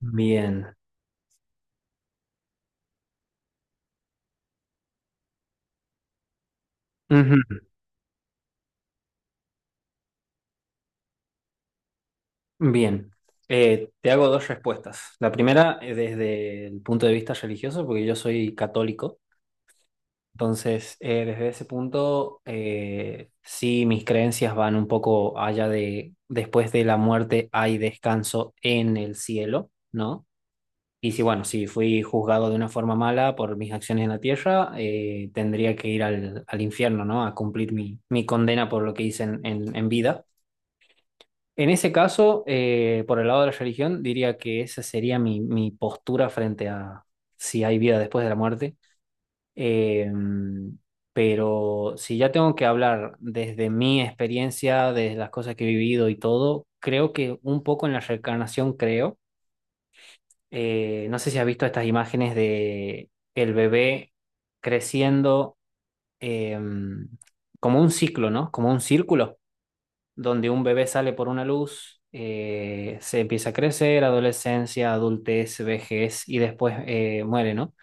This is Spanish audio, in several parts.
Bien. Ujú. Bien. Te hago dos respuestas. La primera, desde el punto de vista religioso, porque yo soy católico. Entonces, desde ese punto, sí, mis creencias van un poco allá de después de la muerte hay descanso en el cielo, ¿no? Y si, bueno, si fui juzgado de una forma mala por mis acciones en la tierra, tendría que ir al infierno, ¿no? A cumplir mi condena por lo que hice en vida. En ese caso, por el lado de la religión, diría que esa sería mi postura frente a si hay vida después de la muerte. Eh, pero si ya tengo que hablar desde mi experiencia, desde las cosas que he vivido y todo, creo que un poco en la reencarnación creo. No sé si has visto estas imágenes de el bebé creciendo, eh, como un ciclo, ¿no? Como un círculo donde un bebé sale por una luz, se empieza a crecer, adolescencia, adultez, vejez y después, muere, ¿no?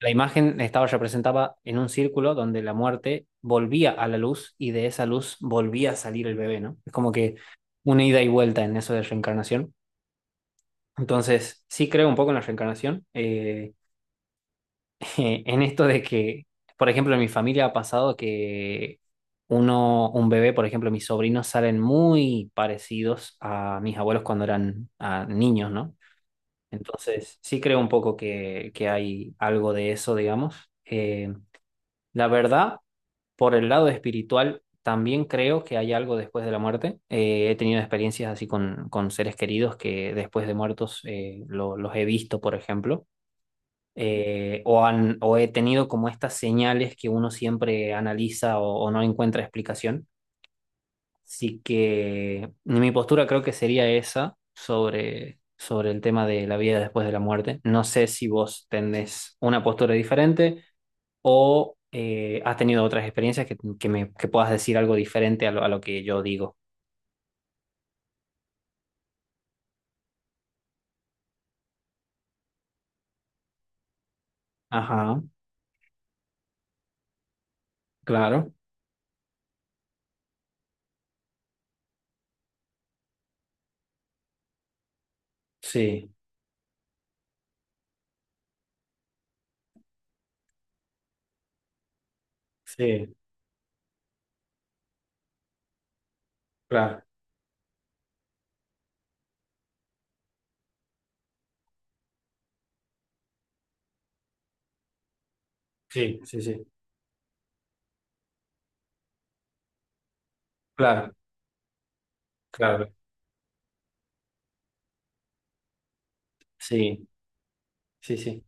La imagen estaba representada en un círculo donde la muerte volvía a la luz y de esa luz volvía a salir el bebé, ¿no? Es como que una ida y vuelta en eso de reencarnación. Entonces, sí creo un poco en la reencarnación. En esto de que, por ejemplo, en mi familia ha pasado que uno, un bebé, por ejemplo, mis sobrinos salen muy parecidos a mis abuelos cuando eran, niños, ¿no? Entonces, sí creo un poco que hay algo de eso, digamos. Eh, la verdad, por el lado espiritual, también creo que hay algo después de la muerte. He tenido experiencias así con seres queridos que después de muertos, los he visto, por ejemplo, o, han, o he tenido como estas señales que uno siempre analiza o no encuentra explicación. Así que mi postura creo que sería esa sobre, sobre el tema de la vida después de la muerte. No sé si vos tenés una postura diferente o, has tenido otras experiencias que me, que puedas decir algo diferente a lo que yo digo. Ajá, claro. Sí, sí, claro. Sí, sí, sí. Claro, claro. Sí, sí, sí.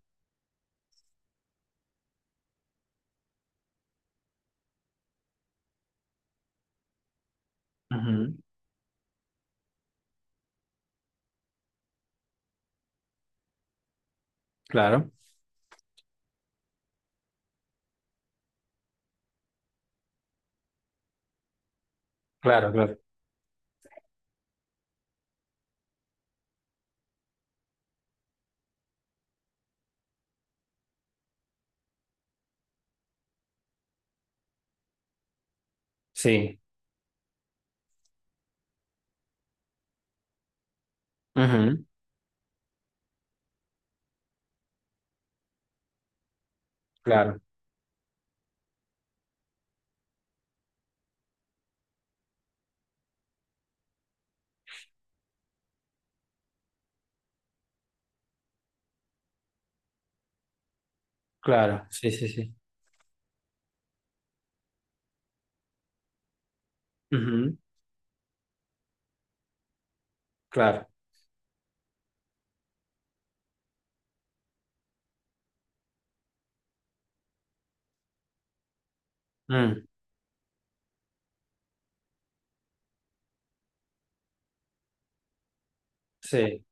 Ujú. Claro. Claro, claro. Sí. Ujú. Claro, claro. Sí, sí, sí. Ujú. Claro. Mm. Sí,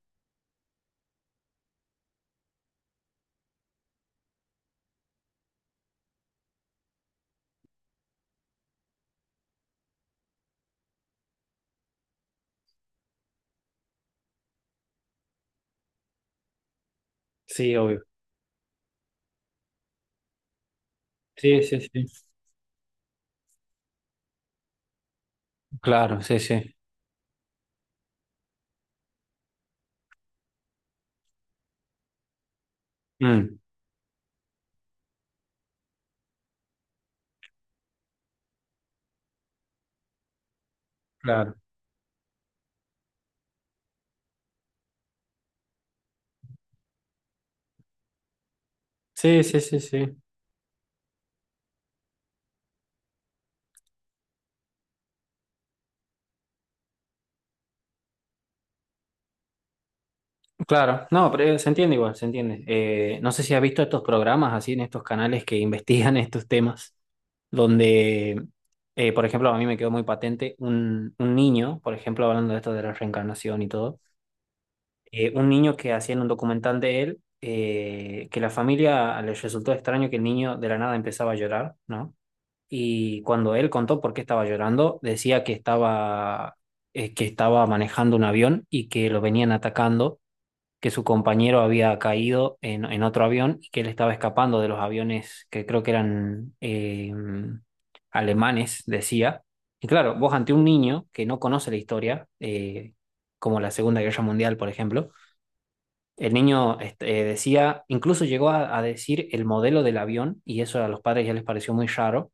sí, obvio. Sí, sí, sí. Claro, sí, sí. Mm. Claro. Sí, sí, sí, sí. Claro. No, pero, se entiende igual, se entiende. No sé si has visto estos programas así en estos canales que investigan estos temas, donde, por ejemplo, a mí me quedó muy patente un niño, por ejemplo, hablando de esto de la reencarnación y todo, un niño que hacían un documental de él, que la familia les resultó extraño que el niño de la nada empezaba a llorar, ¿no? Y cuando él contó por qué estaba llorando, decía que estaba manejando un avión y que lo venían atacando, que su compañero había caído en otro avión y que él estaba escapando de los aviones que creo que eran, alemanes, decía. Y claro, vos ante un niño que no conoce la historia, como la Segunda Guerra Mundial, por ejemplo, el niño este, decía, incluso llegó a decir el modelo del avión y eso a los padres ya les pareció muy raro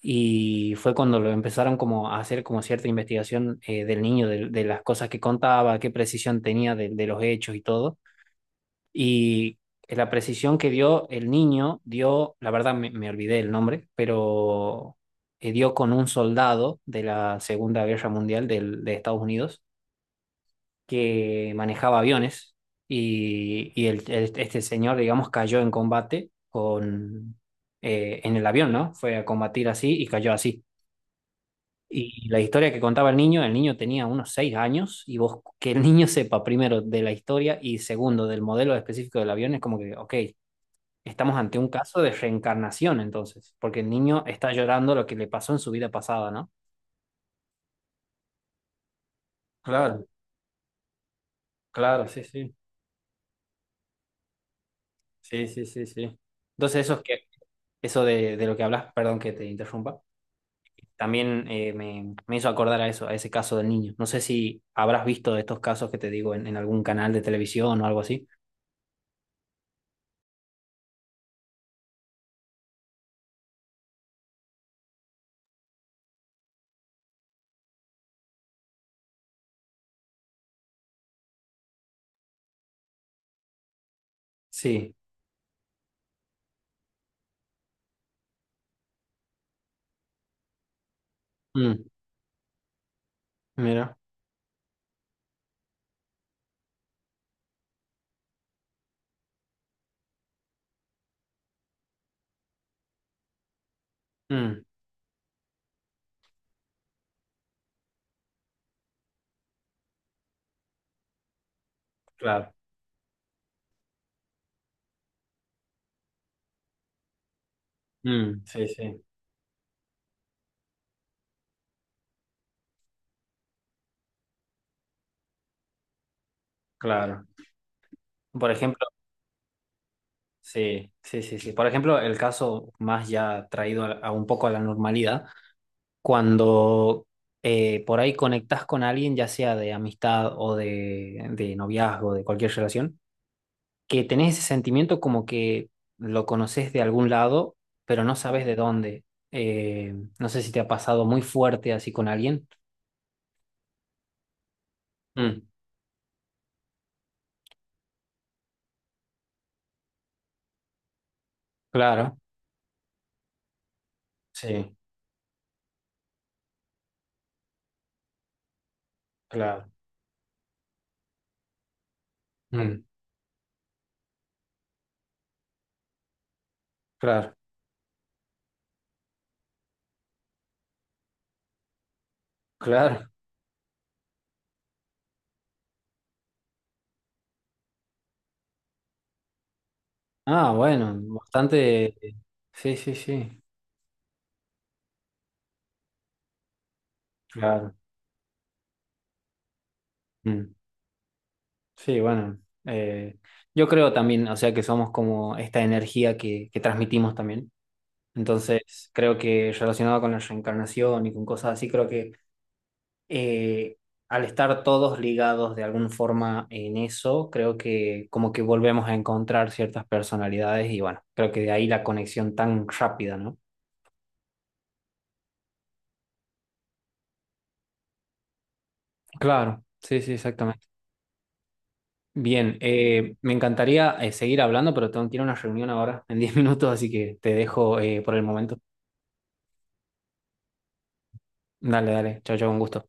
y fue cuando lo empezaron como a hacer como cierta investigación, del niño, de las cosas que contaba, qué precisión tenía de los hechos y todo. Y la precisión que dio el niño dio, la verdad me, me olvidé el nombre, pero, dio con un soldado de la Segunda Guerra Mundial de Estados Unidos que manejaba aviones y este señor, digamos, cayó en combate con, en el avión, ¿no? Fue a combatir así y cayó así. Y la historia que contaba el niño tenía unos seis años y vos que el niño sepa primero de la historia y segundo del modelo específico del avión es como que, ok, estamos ante un caso de reencarnación entonces, porque el niño está llorando lo que le pasó en su vida pasada, ¿no? Claro, claro. Sí, sí, sí, sí. Sí. Entonces esos que... Eso de lo que hablas, perdón que te interrumpa, también, me, me hizo acordar a eso, a ese caso del niño. No sé si habrás visto de estos casos que te digo en algún canal de televisión o algo así. Sí. Mm, mira. Mm, claro. Mm, sí, sí, claro. Por ejemplo, sí, sí, sí, sí. Por ejemplo, el caso más ya traído a un poco a la normalidad, cuando, por ahí conectás con alguien, ya sea de amistad o de noviazgo, de cualquier relación que tenés ese sentimiento como que lo conoces de algún lado, pero no sabes de dónde. Eh, no sé si te ha pasado muy fuerte así con alguien. Mm, claro, sí, claro, mm, claro, claro. Ah, bueno, bastante. Sí, sí, sí, claro. Mm, sí, bueno. eh, yo creo también, o sea, que somos como esta energía que transmitimos también. Entonces, creo que relacionado con la reencarnación y con cosas así, creo que, eh, al estar todos ligados de alguna forma en eso, creo que como que volvemos a encontrar ciertas personalidades y bueno, creo que de ahí la conexión tan rápida, ¿no? Claro, sí, sí, exactamente. Bien, me encantaría, seguir hablando, pero tengo que ir a una reunión ahora en 10 minutos, así que te dejo, por el momento. Dale, dale, chao, chao, un gusto.